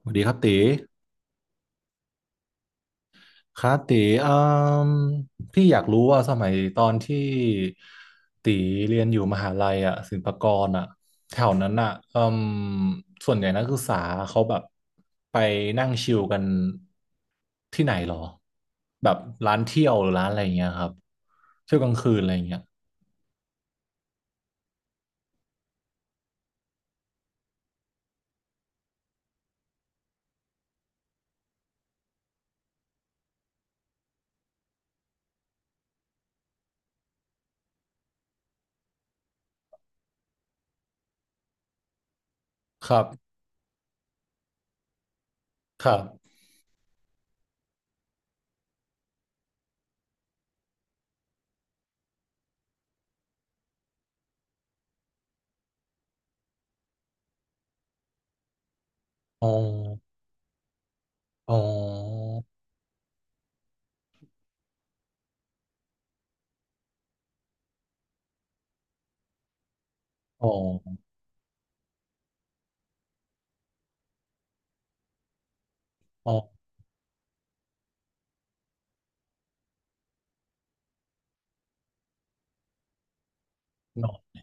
สวัสดีครับตีครับตีอืมพี่อยากรู้ว่าสมัยตอนที่ตีเรียนอยู่มหาลัยอ่ะศิลปากรอ่ะแถวนั้นอ่ะอืมส่วนใหญ่นักศึกษาเขาแบบไปนั่งชิลกันที่ไหนหรอแบบร้านเที่ยวหรือร้านอะไรอย่างเงี้ยครับเที่ยวกลางคืนอะไรอย่างเงี้ยครับครับอ๋ออ๋ออ๋ออ๋อ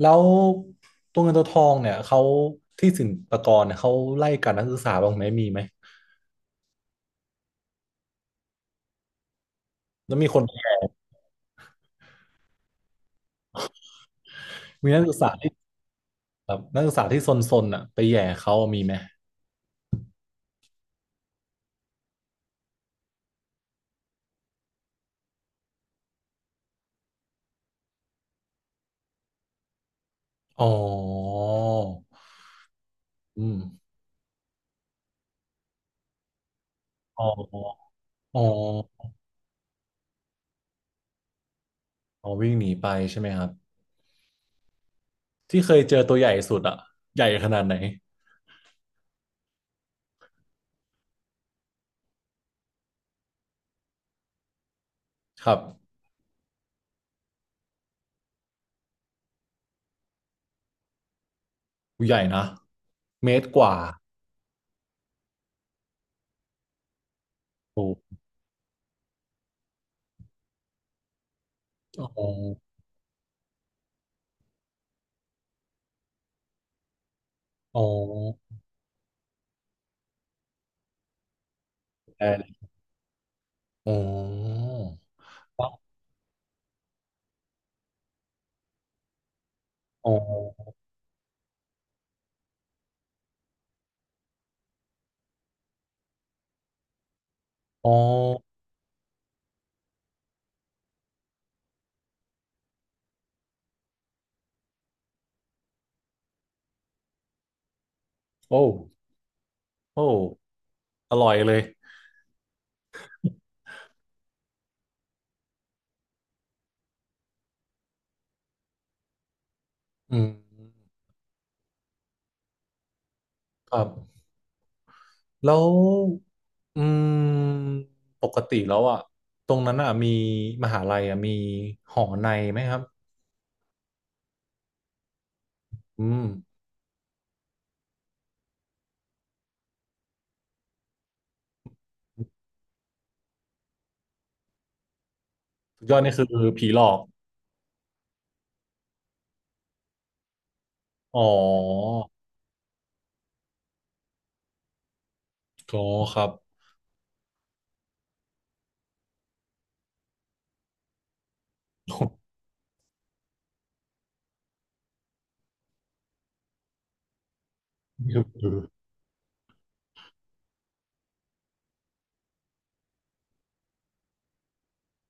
แล้วตัวเงินตัวทองเนี่ยเขาที่ศิลปากรเนี่ยเขาไล่กัดนักศึกษาบ้างไหมมีไหมแล้วมีคนมีนักศึกษาที่แบบนักศึกษาที่ซนๆอ่ะไปแหย่เขามีไหมอ๋ออืมอ๋ออ๋ออ๋อวิ่งหนีไปใช่ไหมครับที่เคยเจอตัวใหญ่สุดอ่ะใหญ่ขนาดไหนครับใหญ่นะเมตรกว่าโอ้อ๋ออ๋อไอร์อ๋ออ๋ออ๋อโอ้โอ้อร่อยเลย อืมครับแล้วอืมปกติแล้วอ่ะตรงนั้นอ่ะมีมหาลัยอ่ะมีหอในไหมครับอืมสุดยอดนี่คือผีหลอกอ๋อก็ครับ นี่คือ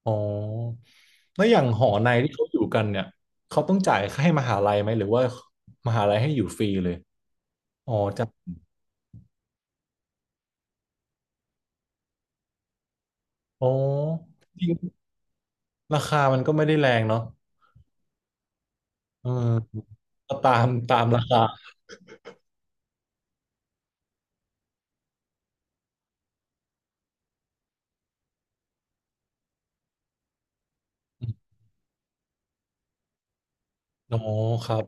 อ๋อแล้วอย่างหอในที่เขาอยู่กันเนี่ยเขาต้องจ่ายค่าให้มหาลัยไหมหรือว่ามหาลัยให้อยู่ฟรีเลยอ๋อจ้ะอ๋อจริงราคามันก็ไม่ได้แรงเนาะเออก็ตามตามราคา อ๋อครับ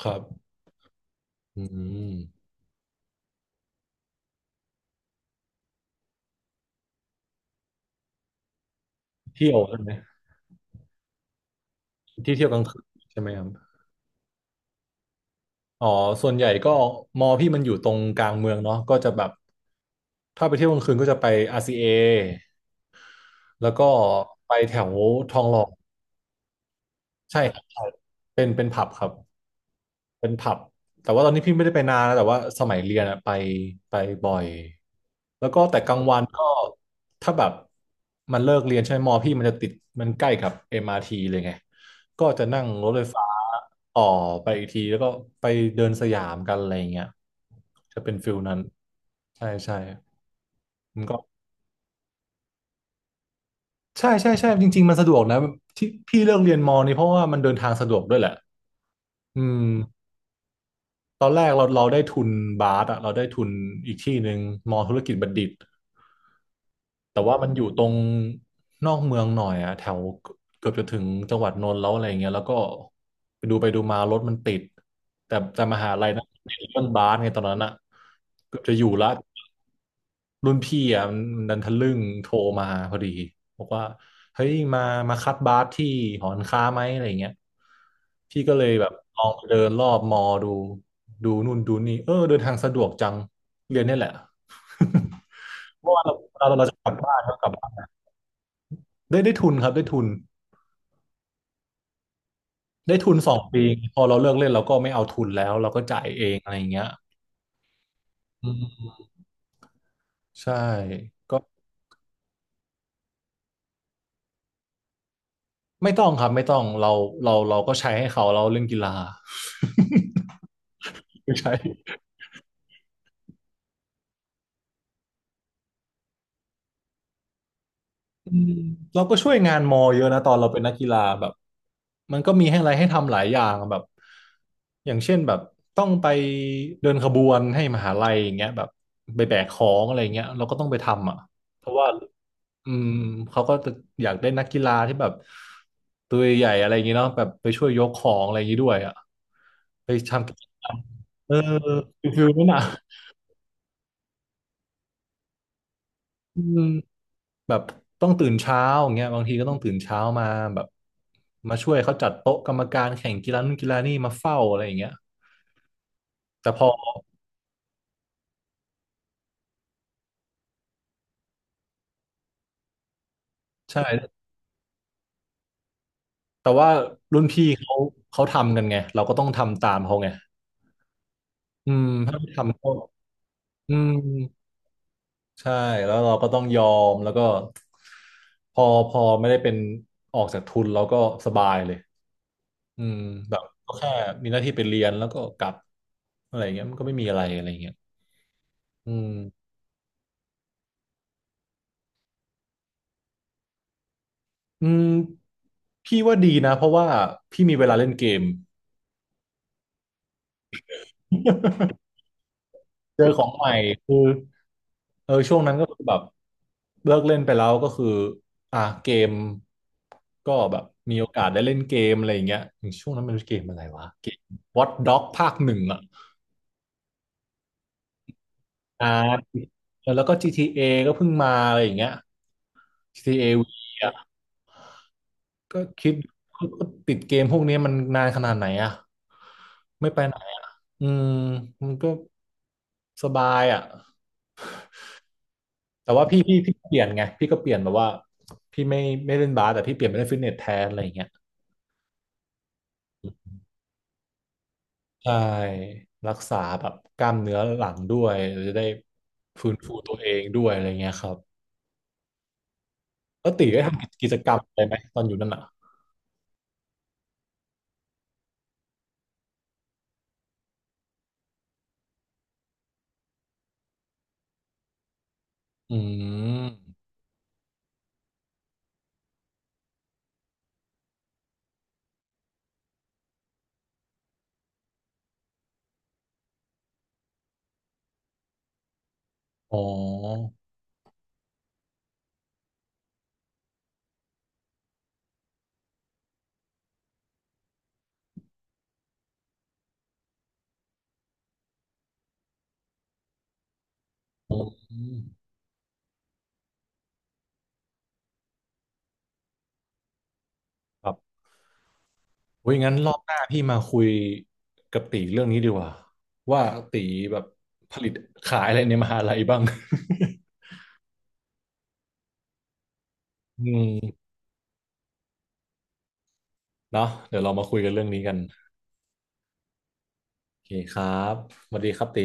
ครับอืมเที่ยวใช่ไหมที่เที่ยวกลางคืนใช่ไหมครับอ๋อส่วนใหญ่ก็มอพี่มันอยู่ตรงกลางเมืองเนาะก็จะแบบถ้าไปเที่ยวกลางคืนก็จะไป RCA แล้วก็ไปแถวทองหล่อใช่ครับใช่เป็นผับครับ เป็นผับแต่ว่าตอนนี้พี่ไม่ได้ไปนานนะแต่ว่าสมัยเรียนอะไปไปบ่อยแล้วก็แต่กลางวันก็ถ้าแบบมันเลิกเรียนใช่ไหมมอพี่มันจะติดมันใกล้กับ MRT เลยไงก็จะนั่งรถไฟฟ้าต่อไปอีกทีแล้วก็ไปเดินสยามกันอะไรอย่างเงี้ยจะเป็นฟิลนั้นใช่ใช่มันก็ใช่ใช่ใช่จริงๆมันสะดวกนะที่พี่เลือกเรียนมอนี่เพราะว่ามันเดินทางสะดวกด้วยแหละอืม ตอนแรกเราได้ทุนบาสอะเราได้ทุนอีกที่หนึ่งมอธุรกิจบัณฑิตแต่ว่ามันอยู่ตรงนอกเมืองหน่อยอะแถวเกือบจะถึงจังหวัดนนท์แล้วอะไรเงี้ยแล้วก็ไปดูมารถมันติดแต่มหาลัยนนเรื่องบาสไงตอนนั้นอะเกือบจะอยู่ละ รุ่นพี่อ่ะมันดันทะลึ่งโทรมาพอดีบอกว่าเฮ้ยมาคัดบาสที่หอการค้าไหมอะไรเงี้ยพี่ก็เลยแบบลองไปเดินรอบมอดูดูนู่นดูนี่เออเดินทางสะดวกจังเรียนเนี่ยแหละ เพราะว่าเราเราจะกลับบ้านเรากลับบ้านได้ได้ทุนครับได้ทุนได้ทุนสองปีพอเราเลิกเล่นเราก็ไม่เอาทุนแล้วเราก็จ่ายเองอะไรอย่างเงี้ยอืมใช่ก็ไม่ต้องครับไม่ต้องเราเราก็ใช้ให้เขาเราเล่นกีฬา ไม่ใช่อืมเราก็ช่วยงานมอเยอะนะตอนเราเป็นนักกีฬาแบบมันก็มีให้อะไรให้ทำหลายอย่างแบบอย่างเช่นแบบต้องไปเดินขบวนให้มหาลัยอย่างเงี้ยแบบไปแบกของอะไรเงี้ยเราก็ต้องไปทำอ่ะเพราะว่าอืมเขาก็จะอยากได้นักกีฬาที่แบบตัวใหญ่อะไรอย่างเงี้ยเนาะแบบไปช่วยยกของอะไรอย่างงี้ด้วยอ่ะไปทำกิจกรรมเออฟิลนั้นอ่ะอืม แบบต้องตื่นเช้าอย่างเงี้ยบางทีก็ต้องตื่นเช้ามาแบบมาช่วยเขาจัดโต๊ะกรรมการแข่งกีฬานู่นกีฬานี่มาเฝ้าอะไรอย่างเงี้ยแต่พอใช่แต่ว่ารุ่นพี่เขาทำกันไงเราก็ต้องทำตามเขาไงอืมถ้าไม่ทำก็อืมใช่แล้วเราก็ต้องยอมแล้วก็พอไม่ได้เป็นออกจากทุนเราก็สบายเลยอืมแบบก็แค่มีหน้าที่ไปเรียนแล้วก็กลับอะไรอย่างเงี้ยมันก็ไม่มีอะไรอะไรอย่างเงี้ยอืม อืมพี่ว่าดีนะเพราะว่าพี่มีเวลาเล่นเกม เจอของใหม่คือเออช่วงนั้นก็คือแบบเลิกเล่นไปแล้วก็คืออ่ะเกมก็แบบมีโอกาสได้เล่นเกมอะไรอย่างเงี้ยอย่างช่วงนั้นมันเกมอะไรวะเกม Watch Dogs ภาคหนึ่งอ่ะอ่าแล้วก็ GTA ก็เพิ่งมาอะไรอย่างเงี้ย GTA V อ่ะก็คิดก็ติดเกมพวกนี้มันนานขนาดไหนอ่ะไม่ไปไหนอืมมันก็ สบายอ่ะ แต่ว่าพี่เปลี่ยนไงพี่ก็เปลี่ยนแบบว่าพี่ไม่เล่นบาสแต่พี่เปลี่ยนไปเล่นฟิตเนสแทนอะไรอย่างเงี้ยใช่รักษาแบบกล้ามเนื้อหลังด้วยเราจะได้ฟื้นฟูตัวเองด้วยอะไรเงี้ยครับแล้วตีได้ทำกิจกรรมอะไรไหมตอนอยู่นั่นอ่ะอืมอ๋ออืมครับโอ้ยงั้นรอบหน้าพี่มาคุยกับตีเรื่องนี้ดีกว่าว่าตีแบบผลิตขายอะไรในมหาลัยบ้าง อืม เนาะเดี๋ยวเรามาคุยกันเรื่องนี้กันโอเคครับสวัสดีครับตี